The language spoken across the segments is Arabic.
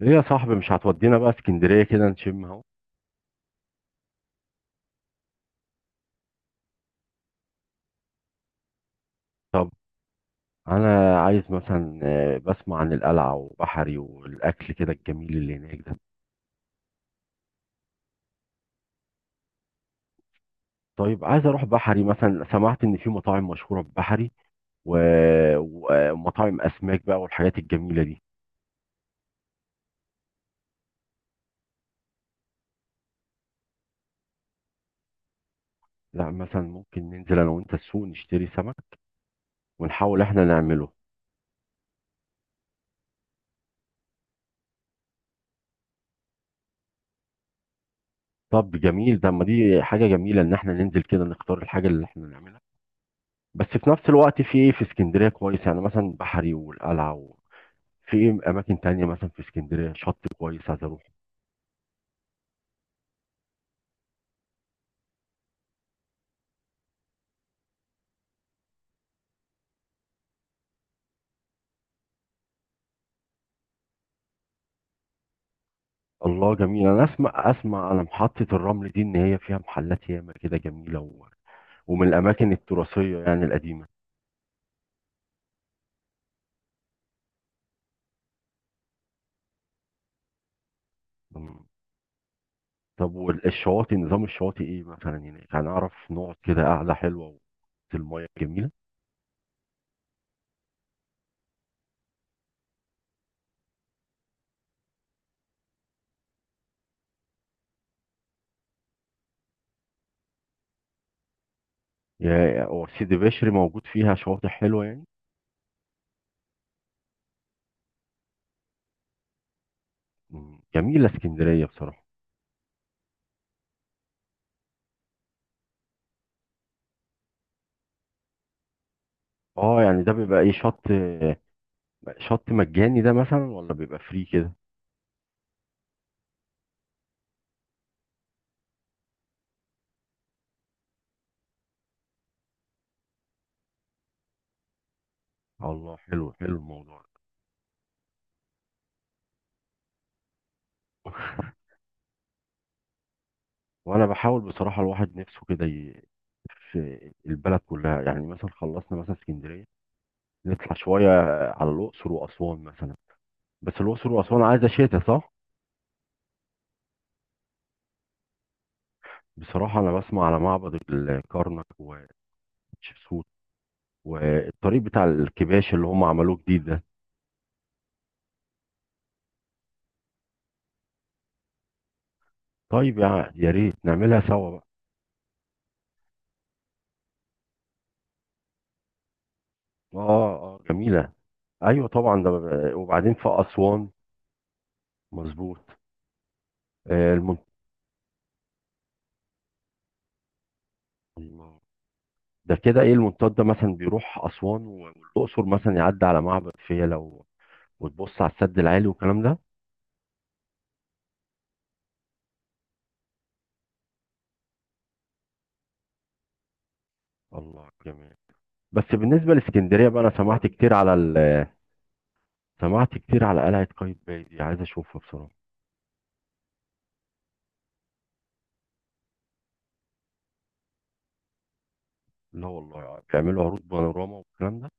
ليه يا صاحبي مش هتودينا بقى اسكندرية كده نشم اهو؟ طب انا عايز مثلا بسمع عن القلعة وبحري والاكل كده الجميل اللي هناك ده. طيب عايز اروح بحري مثلا، سمعت ان في مطاعم مشهورة ببحري و... و- ومطاعم اسماك بقى والحاجات الجميلة دي. لا مثلا ممكن ننزل انا وانت السوق نشتري سمك ونحاول احنا نعمله. طب جميل ده، ما دي حاجة جميلة ان احنا ننزل كده نختار الحاجة اللي احنا نعملها. بس في نفس الوقت في ايه في اسكندرية كويس يعني؟ مثلا بحري والقلعة، في ايه اماكن تانية مثلا في اسكندريه؟ شط كويس عايز اروح. الله جميل، انا اسمع على محطه الرمل دي ان هي فيها محلات ياما كده جميله، و... ومن الاماكن التراثيه يعني القديمه. مم. طب والشواطئ، نظام الشواطئ ايه مثلا هناك؟ هنعرف نقعد كده قعده حلوه وسط الميه جميله؟ يا هو سيدي بشر موجود فيها شواطئ حلوه يعني؟ مم. جميله اسكندريه بصراحه. اه يعني ده بيبقى ايه؟ شط شط مجاني ده مثلا ولا بيبقى فري كده؟ الله، حلو حلو الموضوع ده. وانا بحاول بصراحه، الواحد نفسه كده في البلد كلها يعني. مثلا خلصنا مثلا اسكندريه، نطلع شويه على الاقصر واسوان مثلا. بس الاقصر واسوان عايزه شتاء، صح؟ بصراحه انا بسمع على معبد الكرنك وتشيبسوت والطريق بتاع الكباش اللي هم عملوه جديد ده. طيب يا ريت نعملها سوا بقى. اه اه جميله. ايوه طبعا ده، وبعدين في اسوان. مظبوط. آه، المنت- ده كده ايه المنطاد ده؟ مثلا بيروح اسوان و- والاقصر مثلا، يعدي على معبد فيلة و- وتبص على السد العالي والكلام ده؟ الله جميل. بس بالنسبه لاسكندريه بقى، انا سمعت كتير على ال، سمعت كتير على قلعه قايتباي دي، عايز اشوفها بصراحه. لا والله بيعملوا عروض بانوراما والكلام ده؟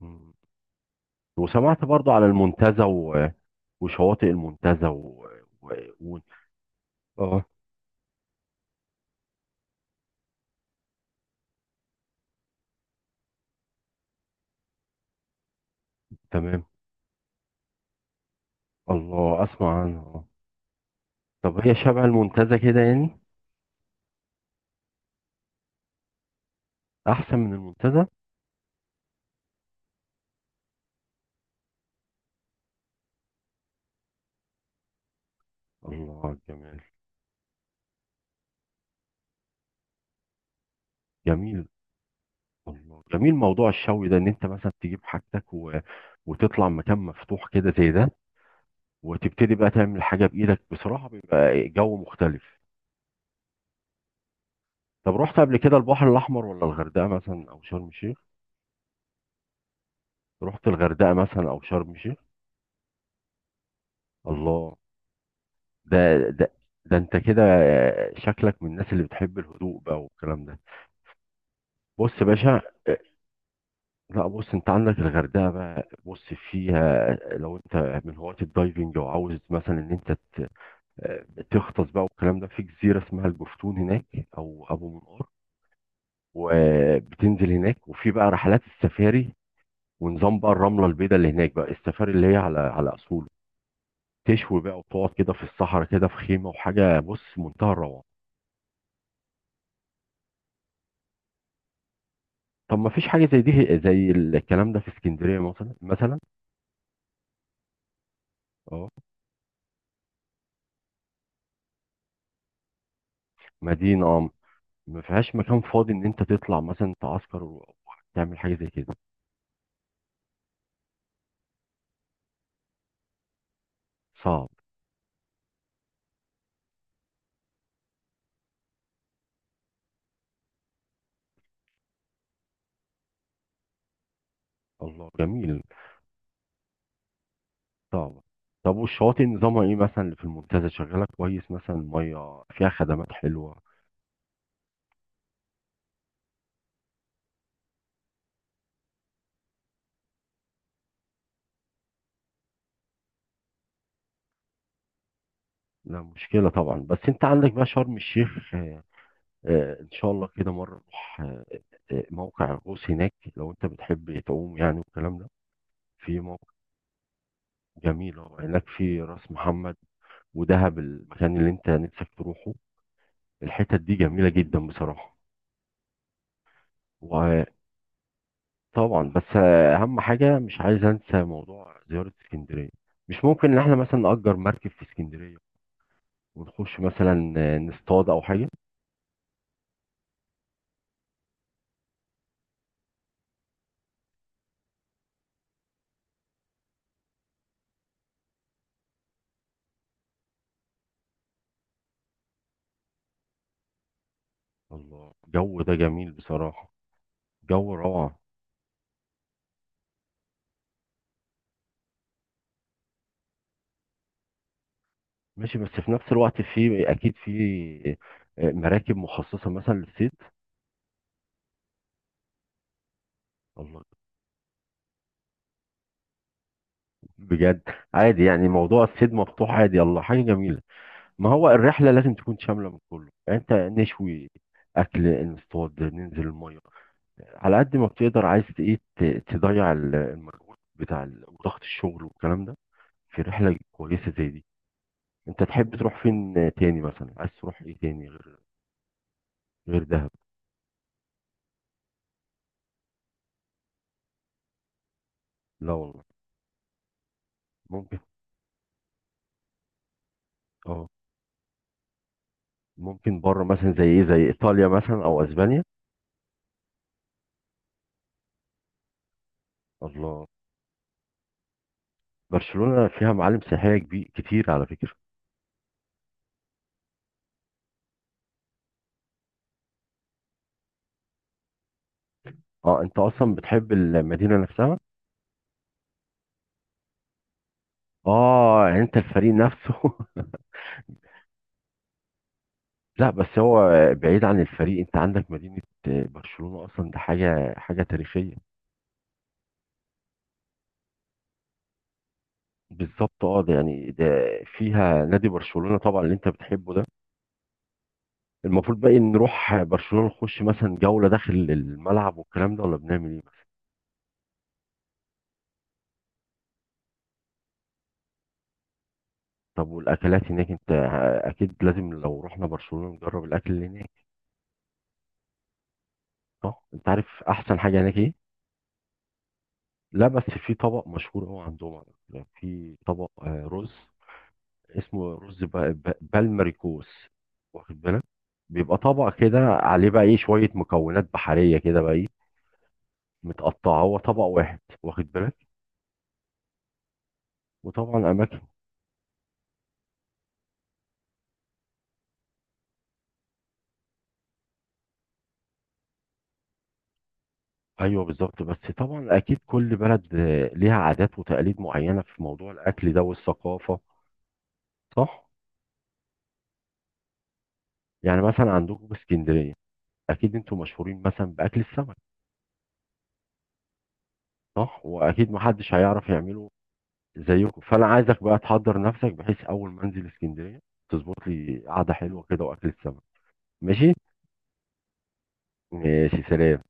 مم. وسمعت برضو على المنتزه و... وشواطئ المنتزه و... و... و... اه. تمام. الله اسمع عنها. طب هي شبه المنتزه كده يعني؟ احسن من المنتزه. الله جميل. جميل. الله جميل موضوع الشوي ده، ان انت مثلا تجيب حاجتك و... وتطلع مكان مفتوح كده زي ده، وتبتدي بقى تعمل حاجه بايدك. بصراحه بيبقى جو مختلف. طب رحت قبل كده البحر الاحمر ولا الغردقه مثلا او شرم الشيخ؟ رحت الغردقه مثلا او شرم الشيخ؟ الله. ده ده انت كده شكلك من الناس اللي بتحب الهدوء بقى والكلام ده. بص يا باشا، آه، لا بص، انت عندك الغردقه بقى، بص، فيها لو انت من هواة الدايفنج وعاوز مثلا ان انت آه، تغطس بقى والكلام ده، في جزيرة اسمها الجفتون هناك أو أبو منقار، وبتنزل هناك وفي بقى رحلات السفاري. ونظام بقى الرملة البيضاء اللي هناك بقى، السفاري اللي هي على على أصوله، تشوي بقى وتقعد كده في الصحراء كده في خيمة وحاجة، بص منتهى الروعة. طب ما فيش حاجة زي دي، زي الكلام ده في اسكندرية مثلا؟ اه. مدينة اه. ما فيهاش مكان فاضي ان انت تطلع مثلا تعسكر وتعمل حاجة زي كده؟ صعب. الله جميل. طبعا. طب والشواطئ نظامها ايه مثلا اللي في المنتزه؟ شغاله كويس مثلا؟ الميه فيها خدمات حلوه؟ لا مشكله طبعا. بس انت عندك بقى شرم الشيخ، ان شاء الله كده مره نروح، موقع الغوص هناك، لو انت بتحب تعوم يعني والكلام ده. في موقع جميل اهو هناك في راس محمد ودهب، المكان اللي انت نفسك تروحه. الحتت دي جميله جدا بصراحه. وطبعا بس اهم حاجه مش عايز انسى موضوع زياره اسكندريه. مش ممكن ان احنا مثلا نأجر مركب في اسكندريه، ونخش مثلا نصطاد او حاجه؟ الله الجو ده جميل بصراحه. جو روعه. ماشي. بس في نفس الوقت في اكيد في مراكب مخصصه مثلا للصيد. الله. بجد؟ عادي يعني موضوع الصيد مفتوح عادي؟ الله حاجه جميله. ما هو الرحله لازم تكون شامله من كله يعني، انت نشوي اكل، نصطاد، ننزل الميه، على قد ما بتقدر عايز ايه، تضيع المجهود بتاع ضغط الشغل والكلام ده في رحله كويسه زي دي. انت تحب تروح فين تاني مثلا؟ عايز تروح ايه تاني غير، غير دهب؟ لا والله، ممكن. اه ممكن بره، مثلا زي ايه؟ زي ايطاليا مثلا او اسبانيا؟ الله. برشلونة فيها معالم سياحية كبير كتير على فكرة. اه انت اصلا بتحب المدينة نفسها. اه يعني انت الفريق نفسه لا بس هو، بعيد عن الفريق، انت عندك مدينة برشلونة اصلا، ده حاجة تاريخية. بالظبط اه. ده يعني ده فيها نادي برشلونة طبعا اللي انت بتحبه ده. المفروض بقى إن نروح برشلونة نخش مثلا جولة داخل الملعب والكلام ده، ولا بنعمل ايه؟ طب والاكلات هناك انت، اكيد لازم لو رحنا برشلونة نجرب الاكل اللي هناك، صح؟ انت عارف احسن حاجة هناك ايه؟ لا بس في طبق مشهور قوي عندهم على فكرة. في طبق رز، اسمه رز ب- ب- بالمريكوس، واخد بالك؟ بيبقى طبق كده عليه بقى ايه، شوية مكونات بحرية كده بقى ايه، متقطعة، هو طبق واحد، واخد بالك. وطبعا اماكن. ايوه بالظبط. بس طبعا اكيد كل بلد ليها عادات وتقاليد معينه في موضوع الاكل ده والثقافه، صح؟ يعني مثلا عندكم في اسكندريه اكيد انتوا مشهورين مثلا باكل السمك، صح؟ واكيد محدش هيعرف يعمله زيكم، فانا عايزك بقى تحضر نفسك، بحيث اول ما انزل اسكندريه تظبط لي قعده حلوه كده واكل السمك. ماشي. ماشي سلام.